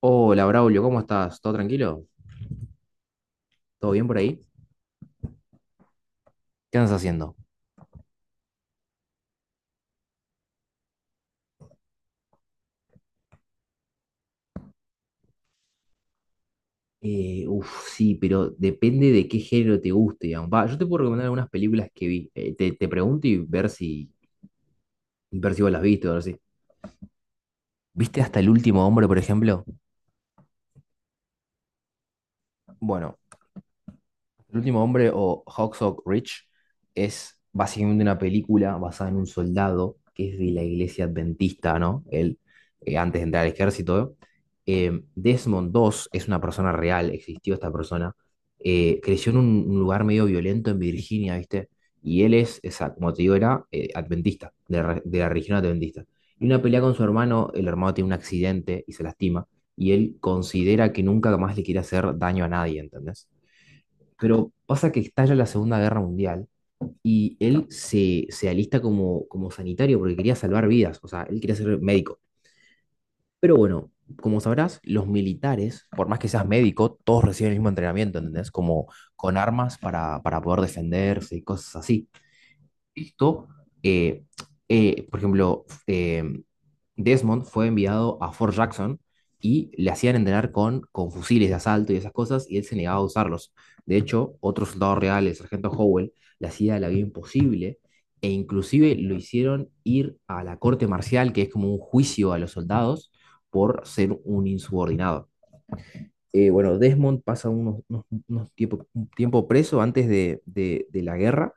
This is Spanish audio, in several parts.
Hola, Braulio, ¿cómo estás? ¿Todo tranquilo? ¿Todo bien por ahí? ¿Qué andas haciendo? Sí, pero depende de qué género te guste, digamos. Va, yo te puedo recomendar algunas películas que vi. Te pregunto y ver ver si vos las viste o algo así. ¿Viste hasta el último hombre, por ejemplo? Bueno. El último hombre o Hacksaw Ridge es básicamente una película basada en un soldado que es de la iglesia adventista, ¿no? Antes de entrar al ejército. Desmond dos es una persona real, existió esta persona. Creció en un lugar medio violento en Virginia, ¿viste? Y como te digo, era adventista, la de la religión adventista. Y una pelea con su hermano, el hermano tiene un accidente y se lastima, y él considera que nunca más le quiere hacer daño a nadie, ¿entendés? Pero pasa que estalla la Segunda Guerra Mundial y él se alista como sanitario porque quería salvar vidas, o sea, él quería ser médico. Pero bueno, como sabrás, los militares, por más que seas médico, todos reciben el mismo entrenamiento, ¿entendés? Como con armas para poder defenderse y cosas así. Esto, eh, por ejemplo, Desmond fue enviado a Fort Jackson y le hacían entrenar con fusiles de asalto y esas cosas, y él se negaba a usarlos. De hecho, otro soldado real, el sargento Howell, le hacía la vida imposible, e inclusive lo hicieron ir a la corte marcial, que es como un juicio a los soldados, por ser un insubordinado. Bueno, Desmond pasa un tiempo preso antes de la guerra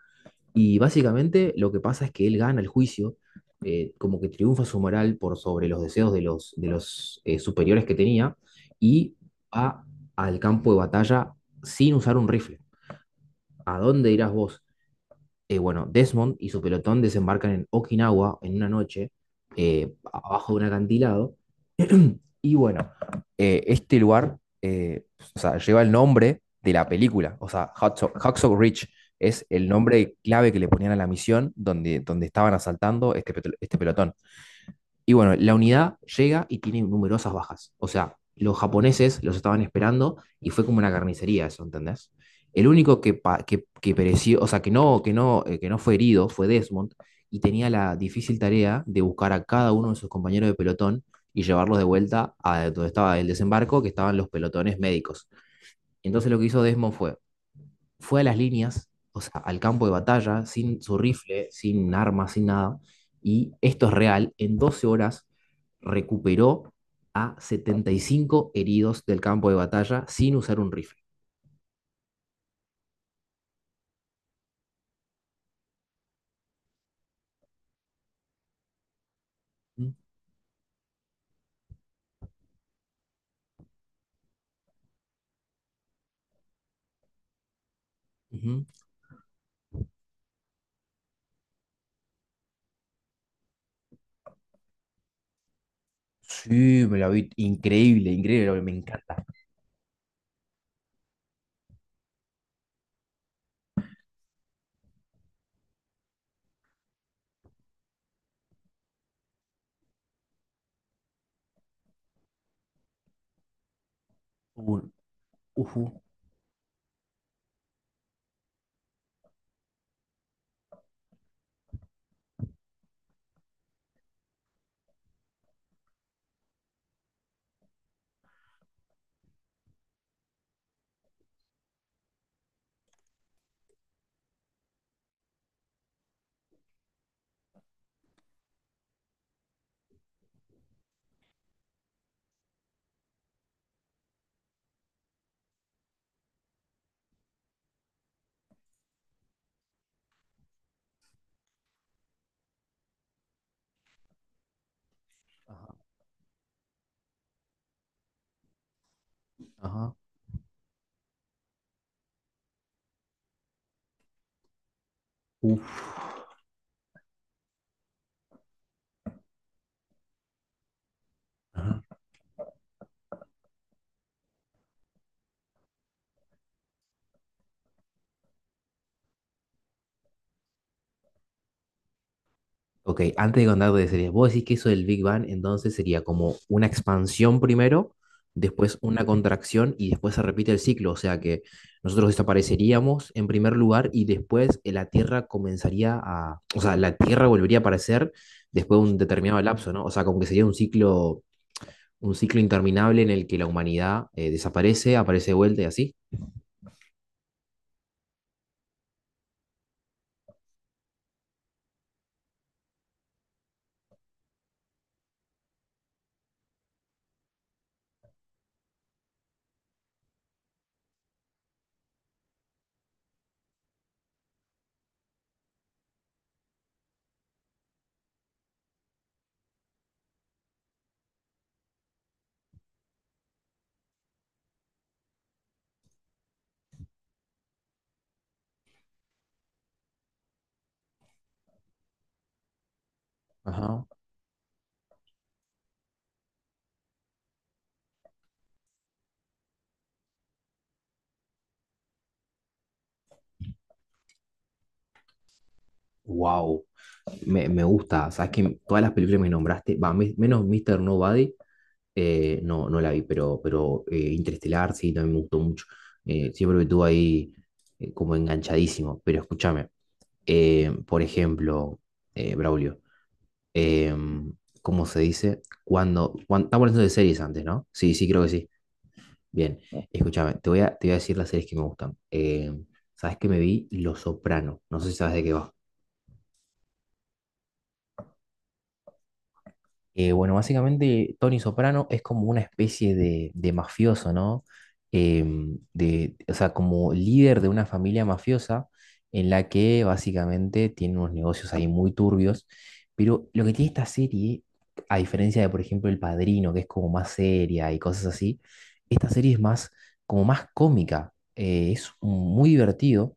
y básicamente lo que pasa es que él gana el juicio, como que triunfa su moral por sobre los deseos de los superiores que tenía y va al campo de batalla sin usar un rifle. ¿A dónde irás vos? Bueno, Desmond y su pelotón desembarcan en Okinawa en una noche, abajo de un acantilado. Y bueno, este lugar, o sea, lleva el nombre de la película, o sea, Hacksaw Ridge es el nombre clave que le ponían a la misión donde estaban asaltando este pelotón. Y bueno, la unidad llega y tiene numerosas bajas. O sea, los japoneses los estaban esperando y fue como una carnicería eso, ¿entendés? El único que pereció, o sea, que no fue herido fue Desmond y tenía la difícil tarea de buscar a cada uno de sus compañeros de pelotón y llevarlos de vuelta a donde estaba el desembarco, que estaban los pelotones médicos. Entonces lo que hizo Desmond fue a las líneas, o sea, al campo de batalla, sin su rifle, sin armas, sin nada. Y esto es real, en 12 horas recuperó a 75 heridos del campo de batalla sin usar un rifle. Ujú. Sí, me la vi increíble, increíble, me encanta. Un- Ujú, ajá, ajá, uf, ajá. Ok, antes de contar de series, vos decís que eso del Big Bang entonces sería como una expansión primero, después una contracción y después se repite el ciclo. O sea que nosotros desapareceríamos en primer lugar y después la Tierra comenzaría a. O sea, la Tierra volvería a aparecer después de un determinado lapso, ¿no? O sea, como que sería un ciclo interminable en el que la humanidad desaparece, aparece de vuelta y así. Ajá. Wow, me gusta. Sabes que todas las películas que me nombraste, va, menos Mr. Nobody. No la vi, pero, pero Interestelar sí, también me gustó mucho. Siempre me tuvo ahí como enganchadísimo. Pero escúchame, por ejemplo, Braulio, em, ¿cómo se dice? Estamos hablando de series antes, ¿no? Sí, sí, creo que sí. Bien, escúchame, te voy a decir las series que me gustan. ¿Sabes qué me vi? Los Soprano. No sé si sabes de qué va. Bueno, básicamente Tony Soprano es como una especie de mafioso, ¿no? O sea, como líder de una familia mafiosa en la que básicamente tiene unos negocios ahí muy turbios, pero lo que tiene esta serie, a diferencia de, por ejemplo, El Padrino, que es como más seria y cosas así, esta serie es más, como más cómica. Es muy divertido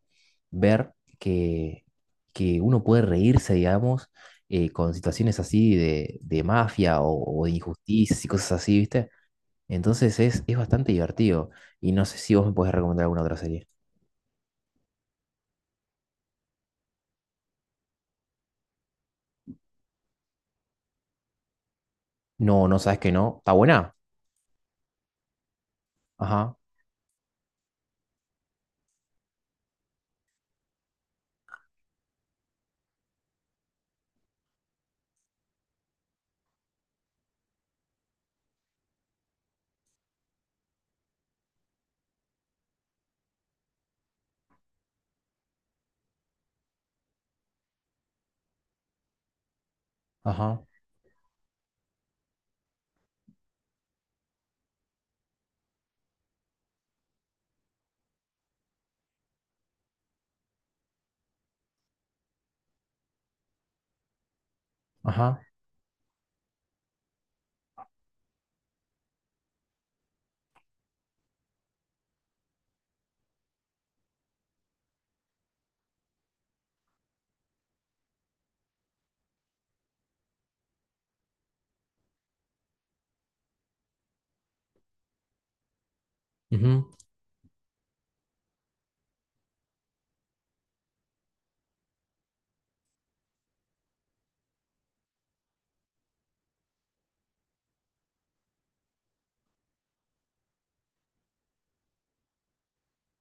ver que, que uno puede reírse, digamos con situaciones así de mafia o de injusticias y cosas así, ¿viste? Entonces es bastante divertido. Y no sé si vos me podés recomendar alguna otra serie. No, no sabes que no. Está buena. Ajá, ajá, ajá. Ujú,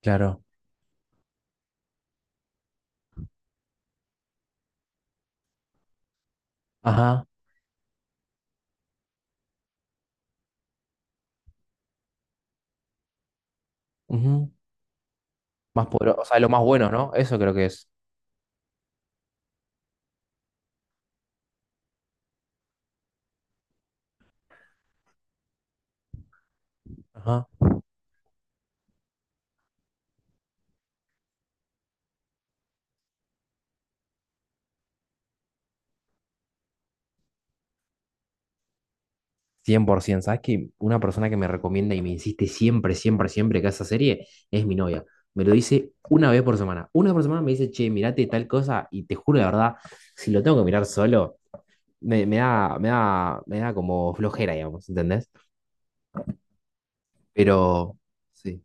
claro. Ajá, ujú. Más poderoso. O sea, lo más bueno, ¿no? Eso creo que es. Ajá. 100%. ¿Sabes que una persona que me recomienda y me insiste siempre, siempre, siempre que esa serie es mi novia? Me lo dice una vez por semana. Una vez por semana me dice, che, mirate tal cosa y te juro de verdad, si lo tengo que mirar solo, me da como flojera, digamos, ¿entendés? Pero, sí.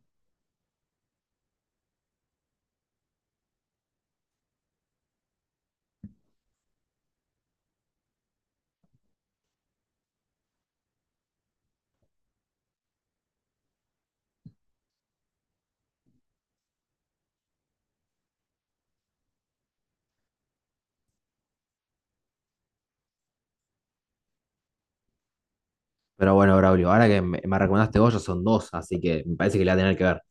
Pero bueno, Braulio, ahora que me recomendaste vos, ya son dos, así que me parece que la voy a tener que ver.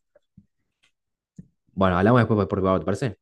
Bueno, hablamos después por privado, ¿te parece?